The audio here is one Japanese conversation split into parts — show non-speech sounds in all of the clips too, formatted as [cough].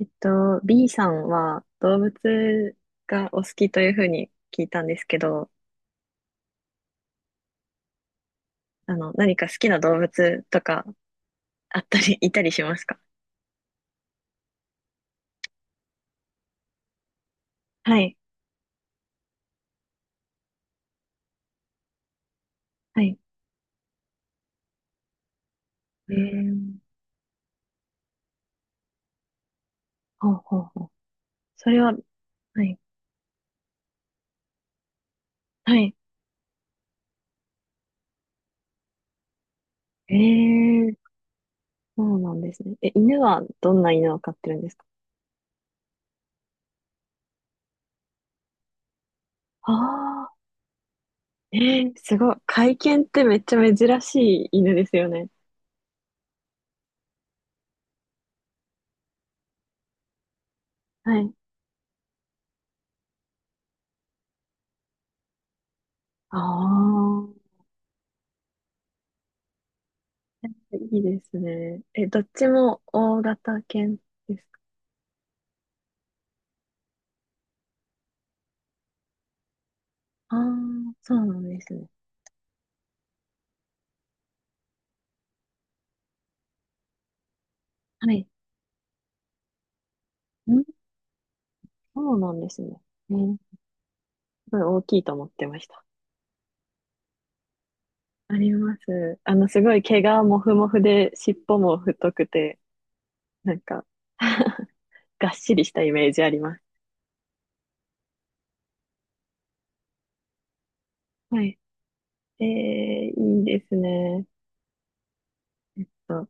B さんは動物がお好きというふうに聞いたんですけど、何か好きな動物とかあったり、いたりしますか？はい。はい。えー、ほうほうほう。それは、はい。はい。えー、そうなんですね。え、犬はどんな犬を飼ってるんですか？ああー、えー、すごい。甲犬ってめっちゃ珍しい犬ですよね。はい。ああ、いいですね。え、どっちも大型犬です？ああ、そうなんですね。はい。ん。そうなんですね。ね、すごい大きいと思ってました。あります。すごい毛がもふもふで、尻尾も太くて、なんか [laughs] がっしりしたイメージあります。はい。えー、いいですね。えっと、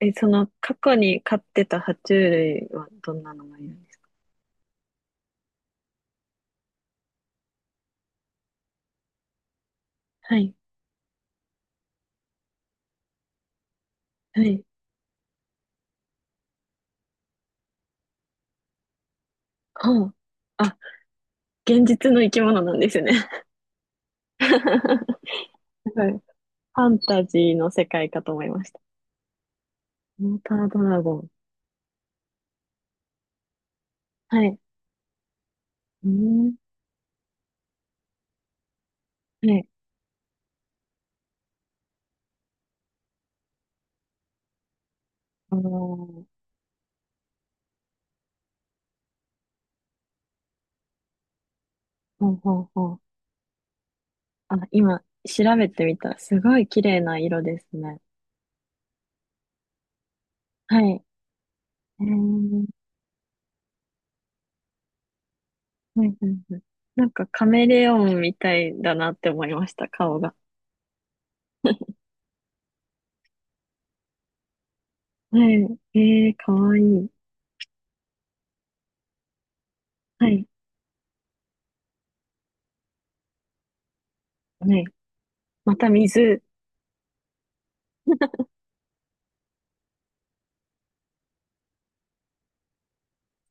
え、過去に飼ってた爬虫類はどんなのがいるんですか？はい。はい。ほう。あ、現実の生き物なんですね。[laughs] すごいファンタジーの世界かと思いました。モータードラゴン。はい。うん。はい。あのー、ほうほうほう。あ、今、調べてみた。すごい綺麗な色ですね。はい。えー、はいはいはい。なんかカメレオンみたいだなって思いました、顔が。はい。えー、かわいい。はい。はい。また水。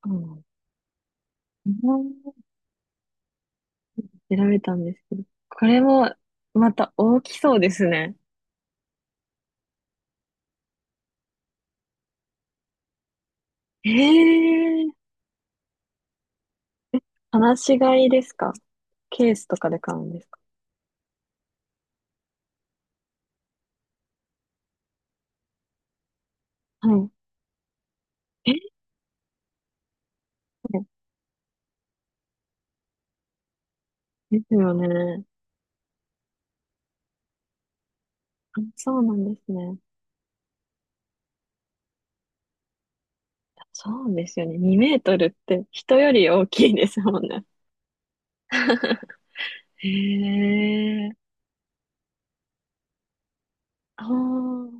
あのうん調べたんですけど。これも、また大きそうですね。えー、放し飼いですか？ケースとかで買うんです？はい。えー、ですよね。あ、そうなんですね。そうですよね。2メートルって人より大きいですもんね。[laughs] へえ。ああ、ほ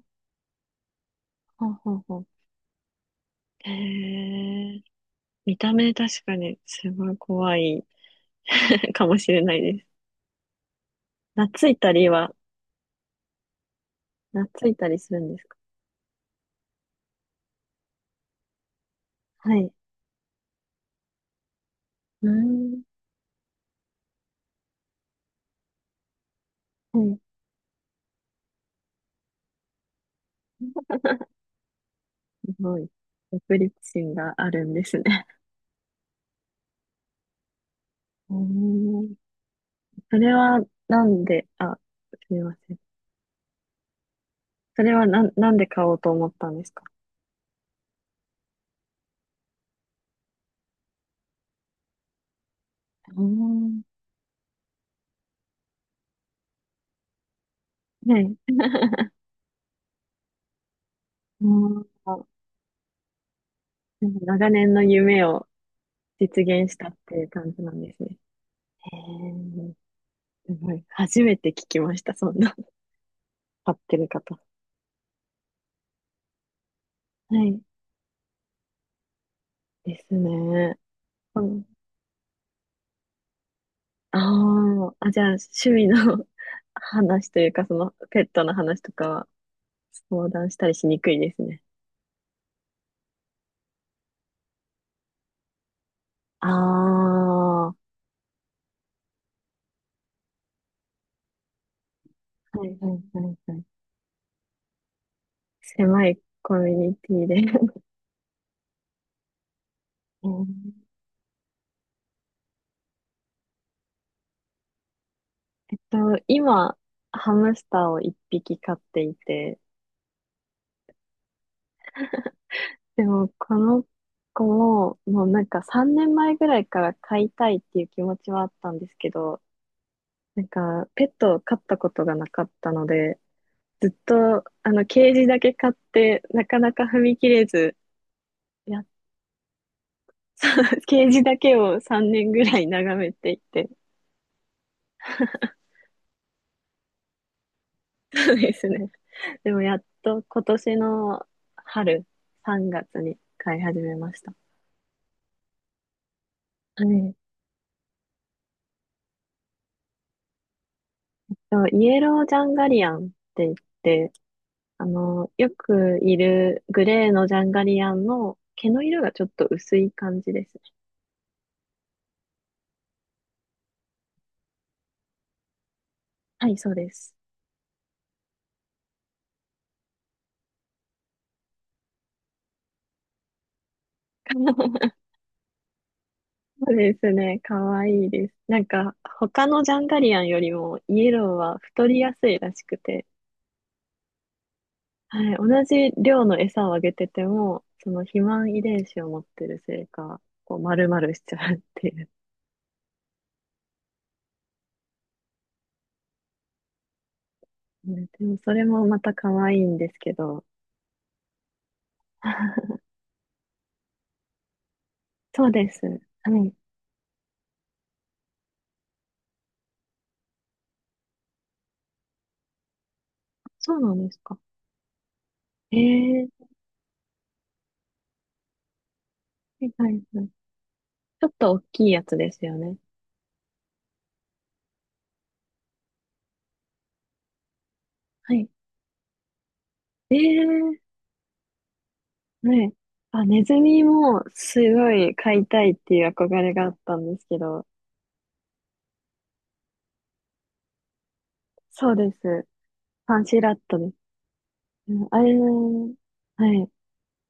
うほうほう。へえ。見た目確かにすごい怖い [laughs] かもしれないです。懐いたりは、懐いたりするんですか？はい。うーん。はい、すごい。独立心があるんですね。うーん。それはなんで、あ、すみません。それはなんで買おうと思ったんですか？うん。ねえ。[laughs] うんなんか長年の夢を実現したっていう感じなんですね。へえ、すごい。初めて聞きました、そんな。買ってる方。はい。ですね。うん、ああ、あ、じゃあ、趣味の [laughs] 話というか、その、ペットの話とかは、相談したりしにくいですね。ああ、はいはいはいはい。狭いコミュニティで。[laughs] うんえっと、今、ハムスターを一匹飼っていて、でも、この子も、もうなんか3年前ぐらいから飼いたいっていう気持ちはあったんですけど、なんか、ペットを飼ったことがなかったので、ずっと、ケージだけ飼って、なかなか踏み切れず、やっ、[laughs] ケージだけを3年ぐらい眺めていて、そうですね。でも、やっと今年の春、3月に飼い始めました。はい。そう、イエロージャンガリアンって言って、よくいるグレーのジャンガリアンの毛の色がちょっと薄い感じですね。はい、そうです。[laughs] そうですね。かわいいです。なんか、他のジャンガリアンよりもイエローは太りやすいらしくて、はい、同じ量の餌をあげてても、その肥満遺伝子を持ってるせいか、こう丸々しちゃうっていう。ね、でもそれもまた可愛いんですけど。[laughs] そうです。はい。そうなんですか。ええ、はいはいはい。ちょっと大きいやつですよね。はい。ええ、ね。あ、ネズミもすごい飼いたいっていう憧れがあったんですけど、そうです。パンシーラットです。うん、あれ、はい。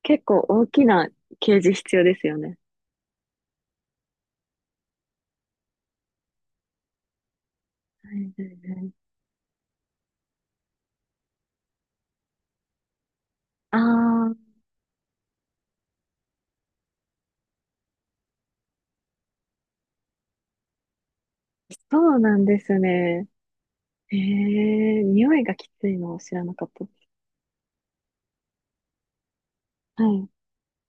結構大きなケージ必要ですよね。はいはいはい。ああ、そうなんですね。ええ、匂いがきついのを知らなかったです。はい。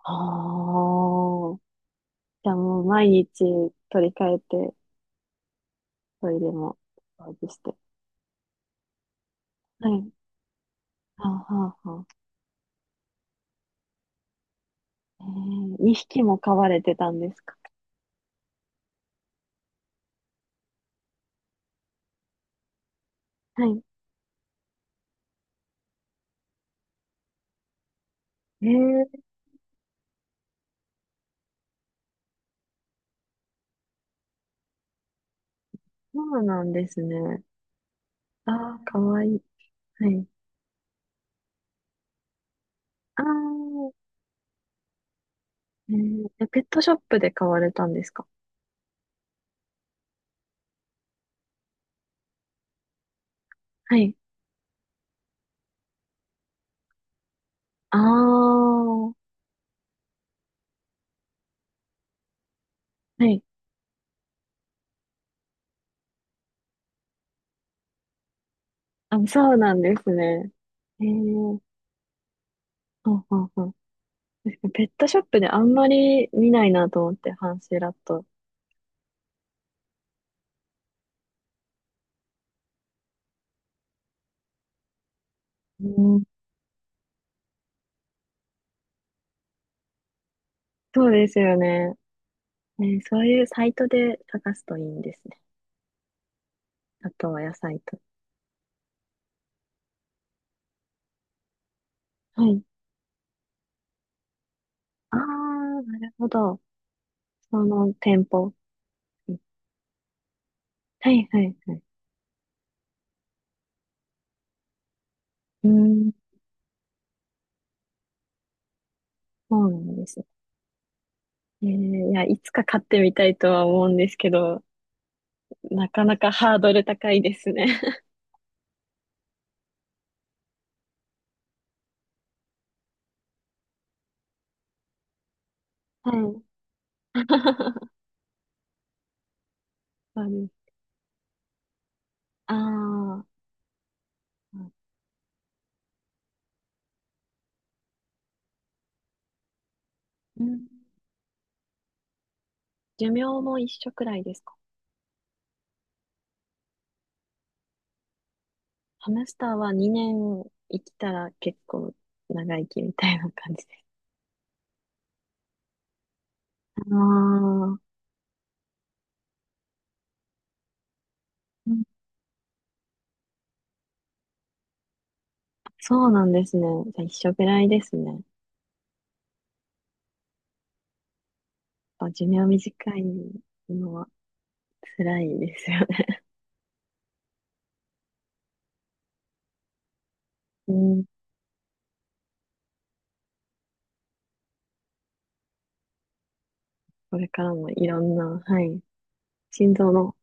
ああ。じゃあもう毎日取り替えてトイレも掃除して。はい。はあ、はあ、はあ。えー、2匹も飼われてたんですか。はい。えー、そうなんですね。ああ、かわいい。はい。ああ、えー、え、ペットショップで飼われたんですか。はい。ああ、はい。あ、そうなんですね。えー、はははペットショップであんまり見ないなと思って、ハンシーラット。うん、そうですよね。えー、そういうサイトで探すといいんですね。あとは野菜と。はい。ああ、なるほど。その店舗。はいはいはい。うーん、そうなんです。えー、いや、いつか買ってみたいとは思うんですけど、なかなかハードル高いですね。[laughs] はい。[laughs] そうです。ああ、うん。寿命も一緒くらいですか？ハムスターは2年生きたら結構長生きみたいな感じです。ああ、うん、そうなんですね。じゃあ一緒くらいですね。寿命短いのは辛いですよね。[laughs] うん、これからもいろんな、はい、心臓の、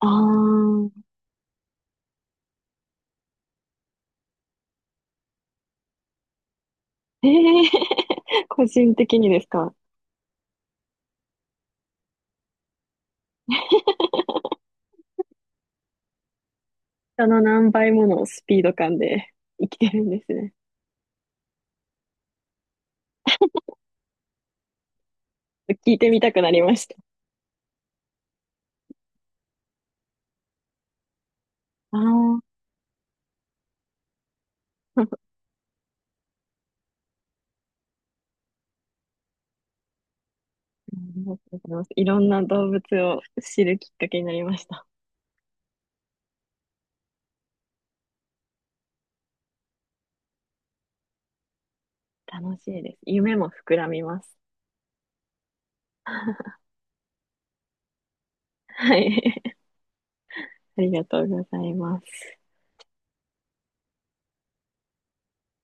あー、[laughs] 個人的にですか。[laughs] 人の何倍ものスピード感で生きてるんですね。聞いてみたくなりました。ああ [laughs] ありがとうございます。いろんな動物を知るきっかけになりました。楽しいです。夢も膨らみます。[laughs] はい。ありがとうございます。